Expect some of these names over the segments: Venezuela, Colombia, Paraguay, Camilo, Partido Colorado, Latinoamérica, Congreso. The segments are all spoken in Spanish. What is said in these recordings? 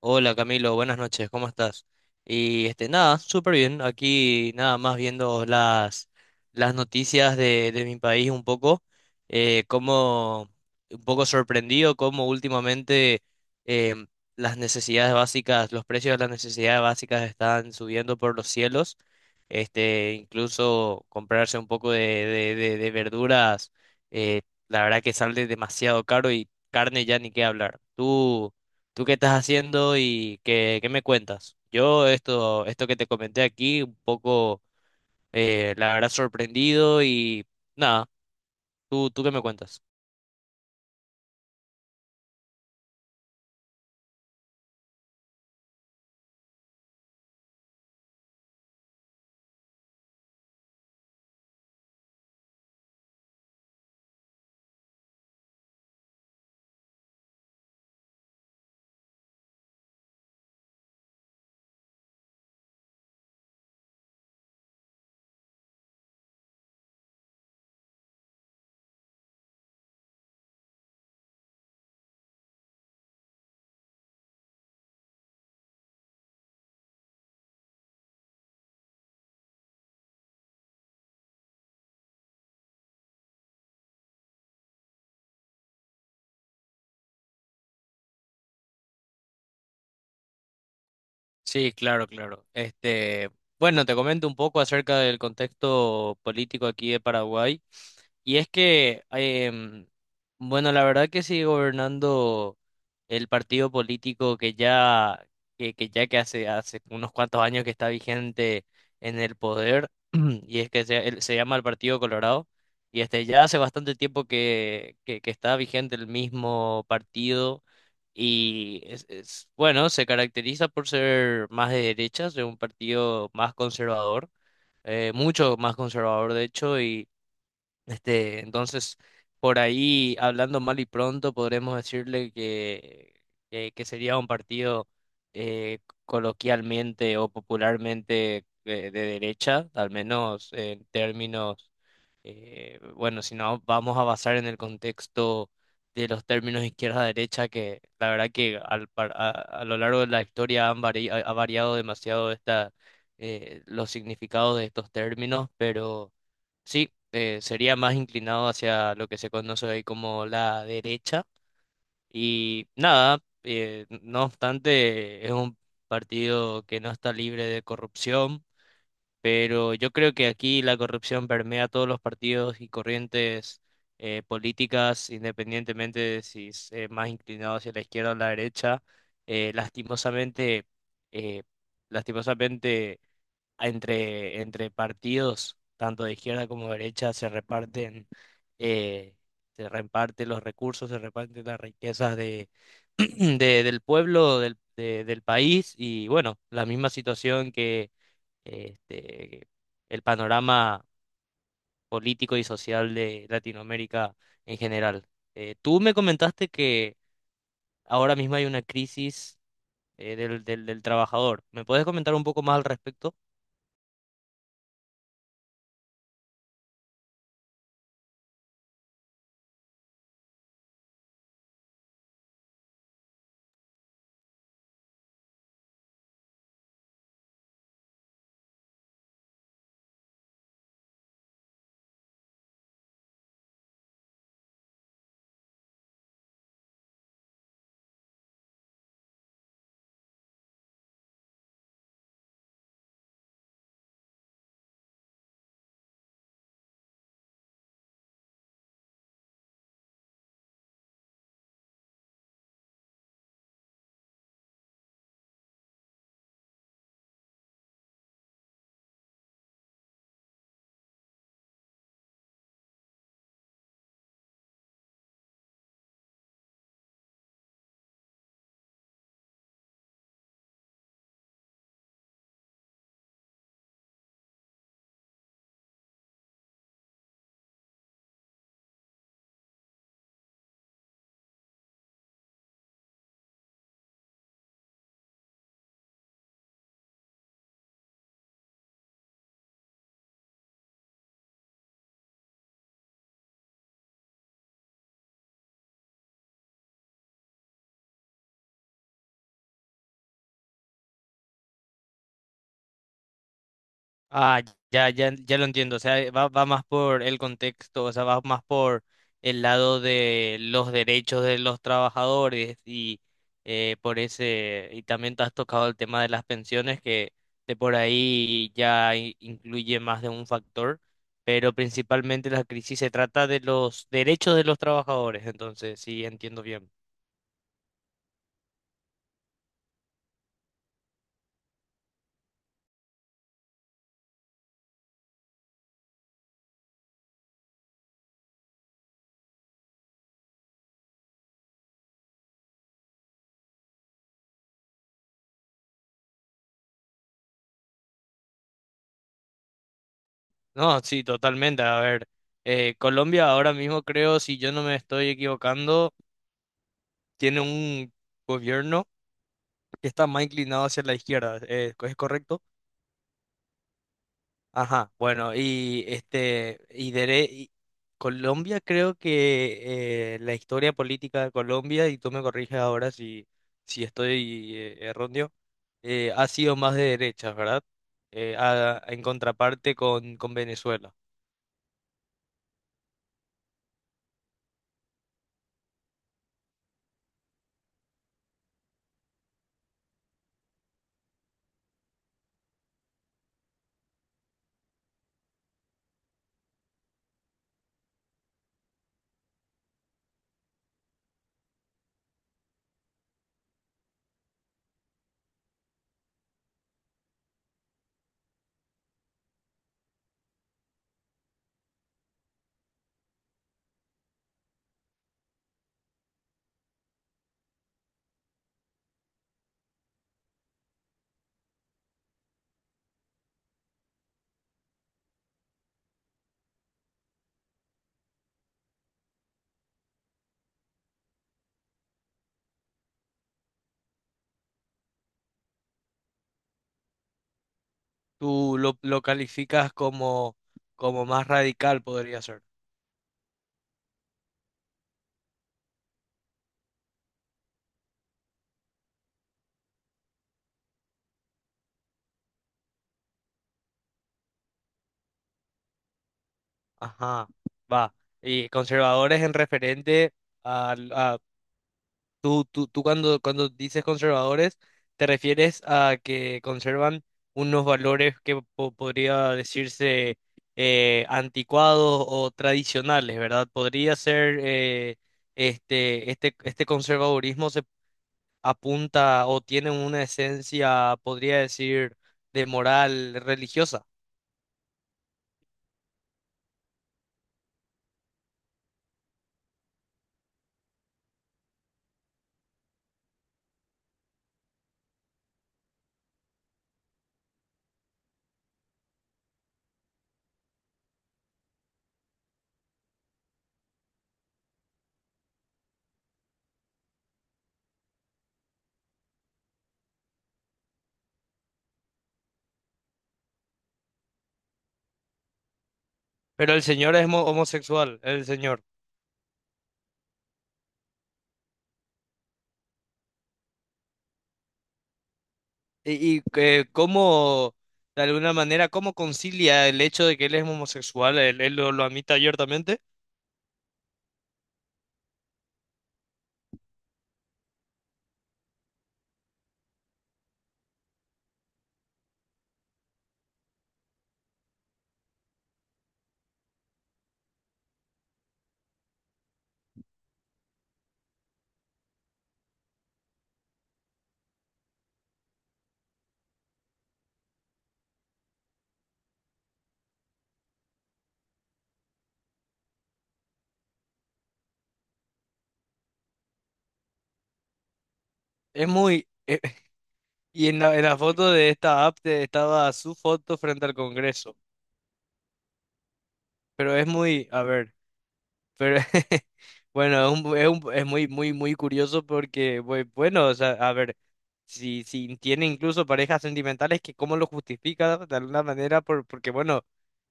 Hola Camilo, buenas noches, ¿cómo estás? Y este, nada, súper bien, aquí nada más viendo las noticias de mi país un poco, como un poco sorprendido cómo últimamente em, las necesidades básicas, los precios de las necesidades básicas están subiendo por los cielos, este, incluso comprarse un poco de verduras, eh, la verdad que sale demasiado caro y carne ya ni qué hablar. ¿Tú? ¿Tú qué estás haciendo y qué me cuentas? Esto que te comenté aquí, un poco, la verdad, sorprendido y nada, tú qué me cuentas? Sí, claro, claro. Este, bueno, te comento un poco acerca del contexto político aquí de Paraguay. Y es que, bueno, la verdad que sigue gobernando el partido político que hace unos cuantos años que está vigente en el poder y es que se llama el Partido Colorado y este ya hace bastante tiempo que está vigente el mismo partido. Y bueno, se caracteriza por ser más de derechas, de un partido más conservador, mucho más conservador de hecho, y este, entonces por ahí, hablando mal y pronto, podremos decirle que sería un partido eh, coloquialmente o popularmente de derecha, al menos en términos bueno, si no, vamos a basar en el contexto de los términos izquierda-derecha, que la verdad que a lo largo de la historia han vari- ha ha variado demasiado esta, los significados de estos términos, pero sí, sería más inclinado hacia lo que se conoce hoy como la derecha. Y nada, no obstante, es un partido que no está libre de corrupción, pero yo creo que aquí la corrupción permea todos los partidos y corrientes políticas, independientemente de si es más inclinado hacia la izquierda o la derecha. Lastimosamente, eh, lastimosamente entre partidos, tanto de izquierda como derecha, eh, se reparten los recursos, se reparten las riquezas de, del pueblo, del país, y bueno, la misma situación este, el panorama político y social de Latinoamérica en general. Tú me comentaste que ahora mismo hay una crisis del trabajador. ¿Me puedes comentar un poco más al respecto? Ah, ya, ya, ya lo entiendo. O sea, va más por el contexto, o sea, va más por el lado de los derechos de los trabajadores y por ese, y también te has tocado el tema de las pensiones, que de por ahí incluye más de un factor, pero principalmente la crisis se trata de los derechos de los trabajadores, entonces sí, entiendo bien. No, sí, totalmente. A ver, Colombia ahora mismo creo, si yo no me estoy equivocando, tiene un gobierno que está más inclinado hacia la izquierda, ¿es correcto? Ajá, bueno, y este, Colombia creo que la historia política de Colombia, y tú me corriges ahora si, si estoy erróneo, ha sido más de derechas, ¿verdad? En contraparte con Venezuela. Lo calificas como, como más radical, podría ser. Ajá, va. Y conservadores en referente a, tú cuando dices conservadores, te refieres a que conservan unos valores que podría decirse anticuados o tradicionales, ¿verdad? Podría ser este conservadurismo se apunta o tiene una esencia, podría decir, de moral religiosa. Pero el señor es homosexual, el señor. Cómo, de alguna manera, ¿cómo concilia el hecho de que él es homosexual? Él, lo admite abiertamente. Es muy... y en en la foto de esta app estaba su foto frente al Congreso, pero es muy... A ver. Pero bueno, es muy, muy, muy curioso porque, bueno, o sea, a ver, si, si tiene incluso parejas sentimentales, que cómo lo justifica de alguna manera, porque, bueno,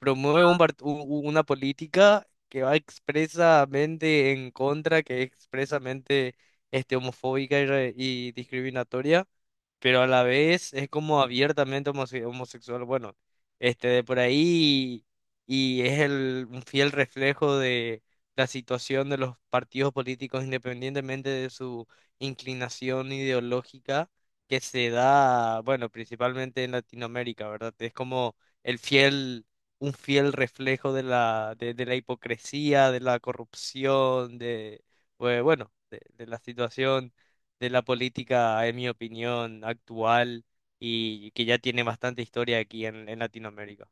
promueve un part- u- u- una política que va expresamente en contra, que es expresamente este, homofóbica y discriminatoria, pero a la vez es como abiertamente homosexual. Bueno, este de por ahí y es un fiel reflejo de la situación de los partidos políticos, independientemente de su inclinación ideológica, que se da, bueno, principalmente en Latinoamérica, ¿verdad? Es como el fiel, un fiel reflejo de la hipocresía, de la corrupción, de, bueno, de la situación de la política, en mi opinión, actual, y que ya tiene bastante historia aquí en Latinoamérica.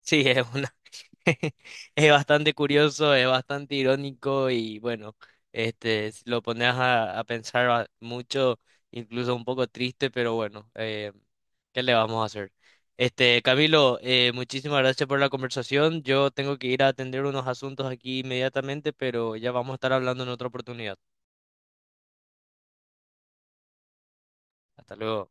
Sí, es una... es bastante curioso, es bastante irónico y bueno, este, si lo pones a pensar mucho, incluso un poco triste, pero bueno, ¿qué le vamos a hacer? Este, Camilo, muchísimas gracias por la conversación. Yo tengo que ir a atender unos asuntos aquí inmediatamente, pero ya vamos a estar hablando en otra oportunidad. Hasta luego.